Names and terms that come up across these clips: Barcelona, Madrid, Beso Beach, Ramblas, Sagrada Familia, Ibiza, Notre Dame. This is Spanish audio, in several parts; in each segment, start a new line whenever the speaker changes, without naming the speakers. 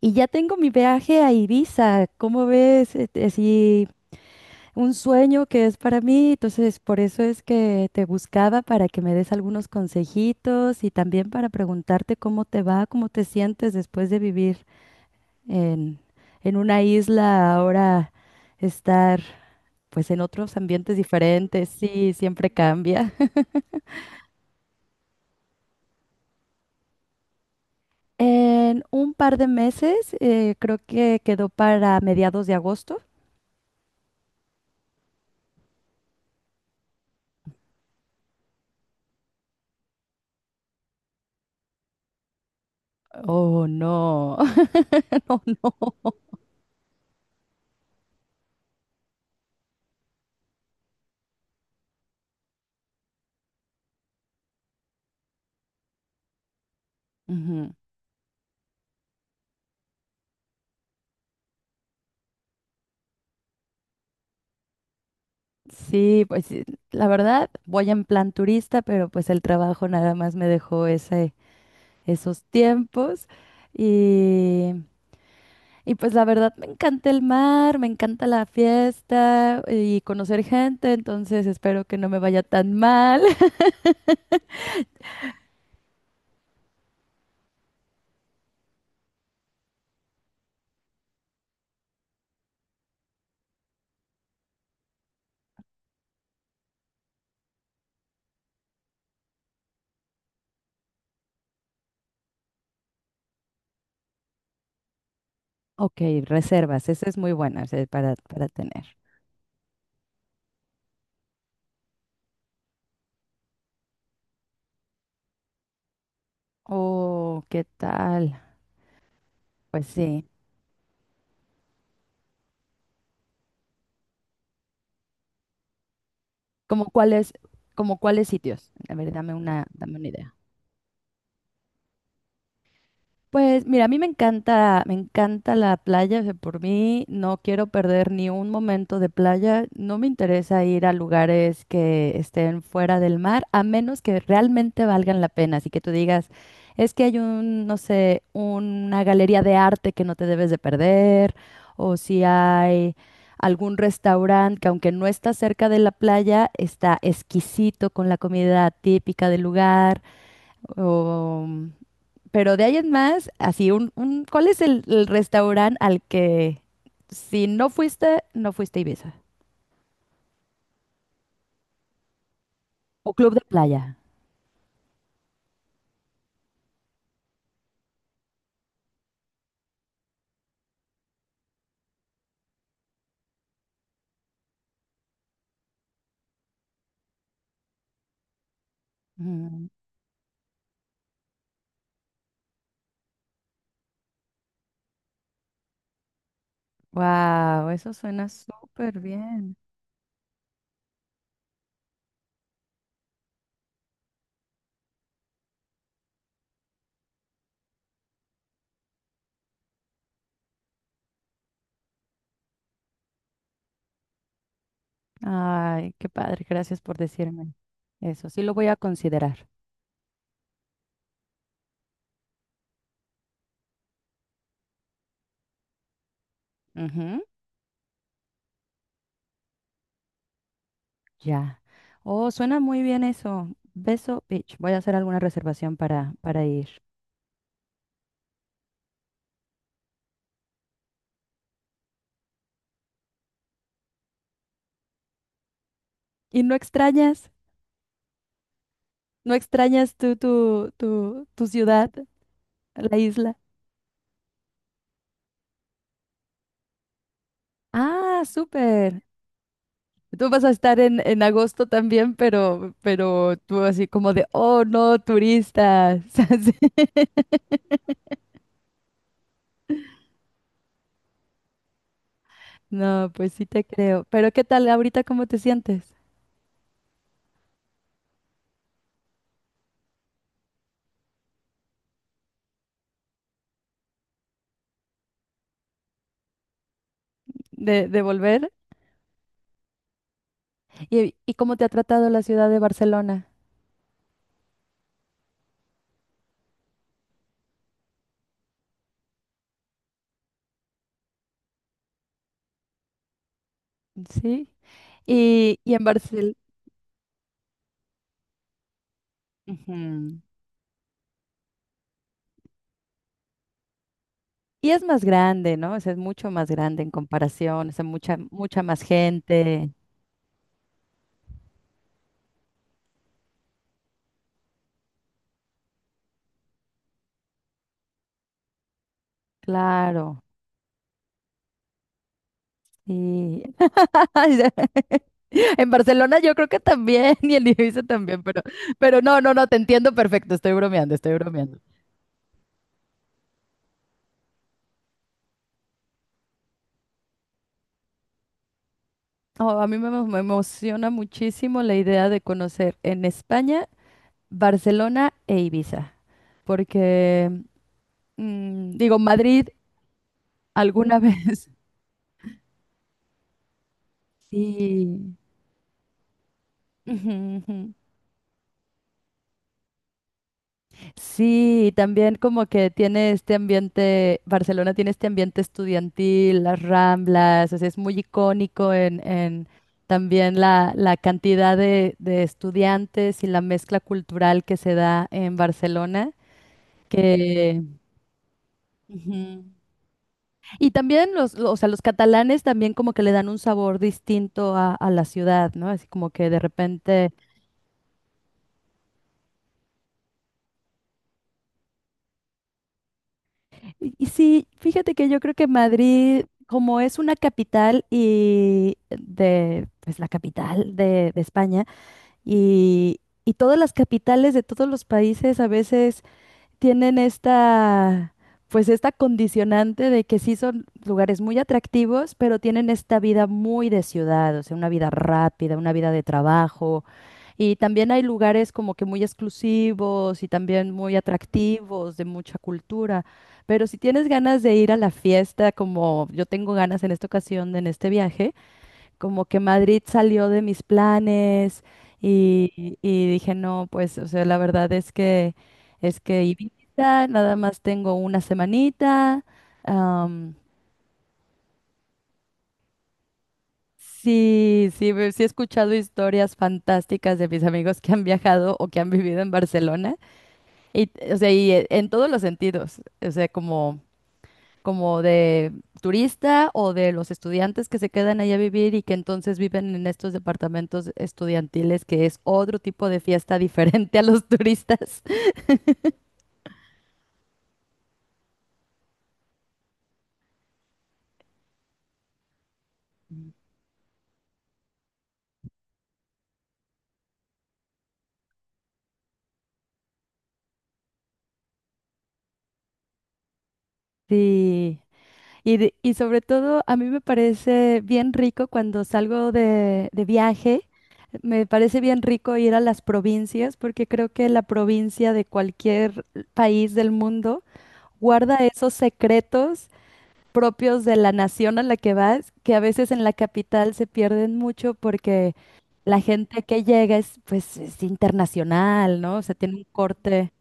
Y ya tengo mi viaje a Ibiza, ¿cómo ves? Así un sueño que es para mí, entonces por eso es que te buscaba para que me des algunos consejitos y también para preguntarte cómo te va, cómo te sientes después de vivir en, en una isla, ahora estar pues en otros ambientes diferentes, sí, siempre cambia. En un par de meses, creo que quedó para mediados de agosto. Oh, no, no, no. Ujú. Sí, pues sí, la verdad voy en plan turista, pero pues el trabajo nada más me dejó esos tiempos y, y pues la verdad me encanta el mar, me encanta la fiesta y conocer gente, entonces espero que no me vaya tan mal. Ok, reservas, esa es muy buena, o sea, para tener. Oh, ¿qué tal? Pues sí. ¿Como cuáles, ¿Como cuáles sitios? A ver, dame una idea. Pues mira, a mí me encanta la playa, o sea, por mí no quiero perder ni un momento de playa, no me interesa ir a lugares que estén fuera del mar, a menos que realmente valgan la pena, así que tú digas, es que hay un, no sé, una galería de arte que no te debes de perder, o si hay algún restaurante que aunque no está cerca de la playa, está exquisito con la comida típica del lugar, pero de ahí en más, así, ¿cuál es el restaurante al que si no fuiste, no fuiste a Ibiza? O club de playa. Wow, eso suena súper bien. Ay, qué padre, gracias por decirme eso. Sí lo voy a considerar. Ujú. Ya. Oh, suena muy bien eso. Beso Beach. Voy a hacer alguna reservación para ir. ¿Y no extrañas? ¿No extrañas tú tu ciudad, la isla? Ah, súper. Tú vas a estar en agosto también, pero tú así como de, oh, no, turistas. Así. No, pues sí te creo. Pero ¿qué tal ahorita cómo te sientes de volver? Y cómo te ha tratado la ciudad de Barcelona? Sí. Y en Barcelona. Y es más grande, ¿no? O sea, es mucho más grande en comparación, o sea, mucha más gente. Claro. Sí. En Barcelona yo creo que también, y en Ibiza también, pero no, te entiendo perfecto, estoy bromeando, estoy bromeando. Oh, a mí me, emo- me emociona muchísimo la idea de conocer en España, Barcelona e Ibiza, porque, mm, digo, Madrid alguna vez. Sí. Ujú, ujú. Sí, y también como que tiene este ambiente, Barcelona tiene este ambiente estudiantil, las Ramblas, o sea, es muy icónico en también la cantidad de estudiantes y la mezcla cultural que se da en Barcelona, que... Ujú. Y también o sea, los catalanes también como que le dan un sabor distinto a la ciudad, ¿no? Así como que de repente, y sí, fíjate que yo creo que Madrid, como es una capital y de, pues la capital de España, y, y todas las capitales de todos los países a veces tienen esta, pues esta condicionante de que sí son lugares muy atractivos, pero tienen esta vida muy de ciudad, o sea, una vida rápida, una vida de trabajo. Y también hay lugares como que muy exclusivos y también muy atractivos, de mucha cultura. Pero si tienes ganas de ir a la fiesta, como yo tengo ganas en esta ocasión, en este viaje, como que Madrid salió de mis planes y dije, no, pues, o sea, la verdad es que Ibiza, nada más tengo una semanita. Am, sí, sí he escuchado historias fantásticas de mis amigos que han viajado o que han vivido en Barcelona y, o sea, y en todos los sentidos, o sea, como... como de turista o de los estudiantes que se quedan ahí a vivir y que entonces viven en estos departamentos estudiantiles, que es otro tipo de fiesta diferente a los turistas. Sí. Y, de- y sobre todo, a mí me parece bien rico cuando salgo de viaje, me parece bien rico ir a las provincias, porque creo que la provincia de cualquier país del mundo guarda esos secretos propios de la nación a la que vas, que a veces en la capital se pierden mucho porque la gente que llega es, pues, es internacional, ¿no? O sea, tiene un corte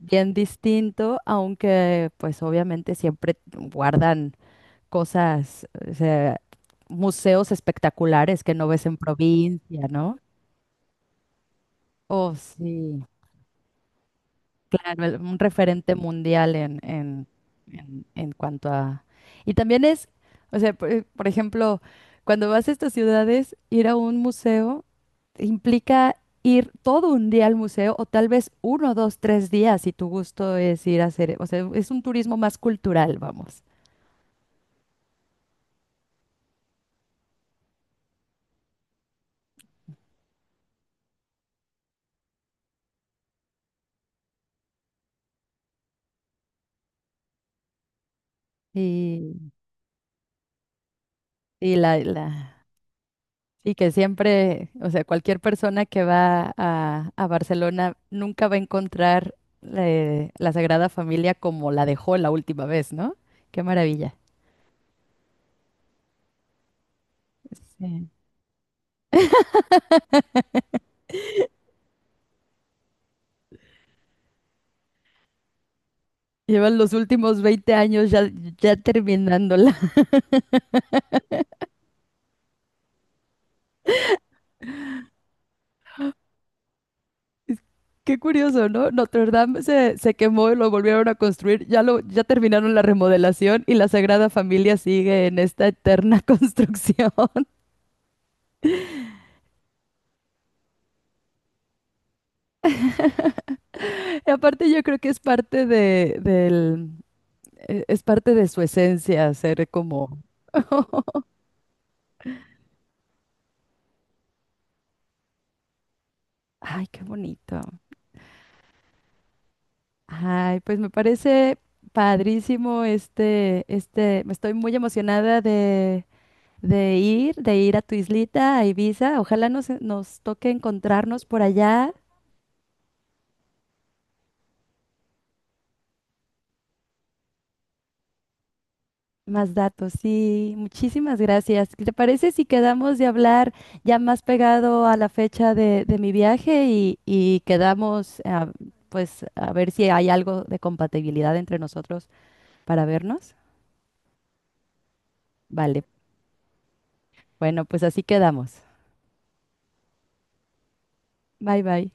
bien distinto, aunque, pues, obviamente siempre guardan cosas, o sea, museos espectaculares que no ves en provincia, ¿no? Oh, sí. El- un referente mundial en cuanto a... Y también es, o sea, por ejemplo, cuando vas a estas ciudades, ir a un museo implica ir todo un día al museo o tal vez uno, dos, tres días si tu gusto es ir a hacer, o sea, es un turismo más cultural, vamos. Y, y la, la- Y que siempre, o sea, cualquier persona que va a Barcelona nunca va a encontrar la Sagrada Familia como la dejó la última vez, ¿no? Qué maravilla. Sí. Llevan los últimos 20 años ya, ya terminándola. Qué curioso, ¿no? Notre Dame se quemó y lo volvieron a construir. Ya terminaron la remodelación y la Sagrada Familia sigue en esta eterna construcción. Y aparte yo creo que es parte de, del e- Es parte de su esencia ser como, ay, qué bonito. Ay, pues me parece padrísimo me estoy muy emocionada de ir a tu islita, a Ibiza. Ojalá nos toque encontrarnos por allá. Más datos, sí, muchísimas gracias. ¿Te parece si quedamos de hablar ya más pegado a la fecha de mi viaje y quedamos, ah, pues, a ver si hay algo de compatibilidad entre nosotros para vernos? Vale. Bueno, pues así quedamos. Bye bye.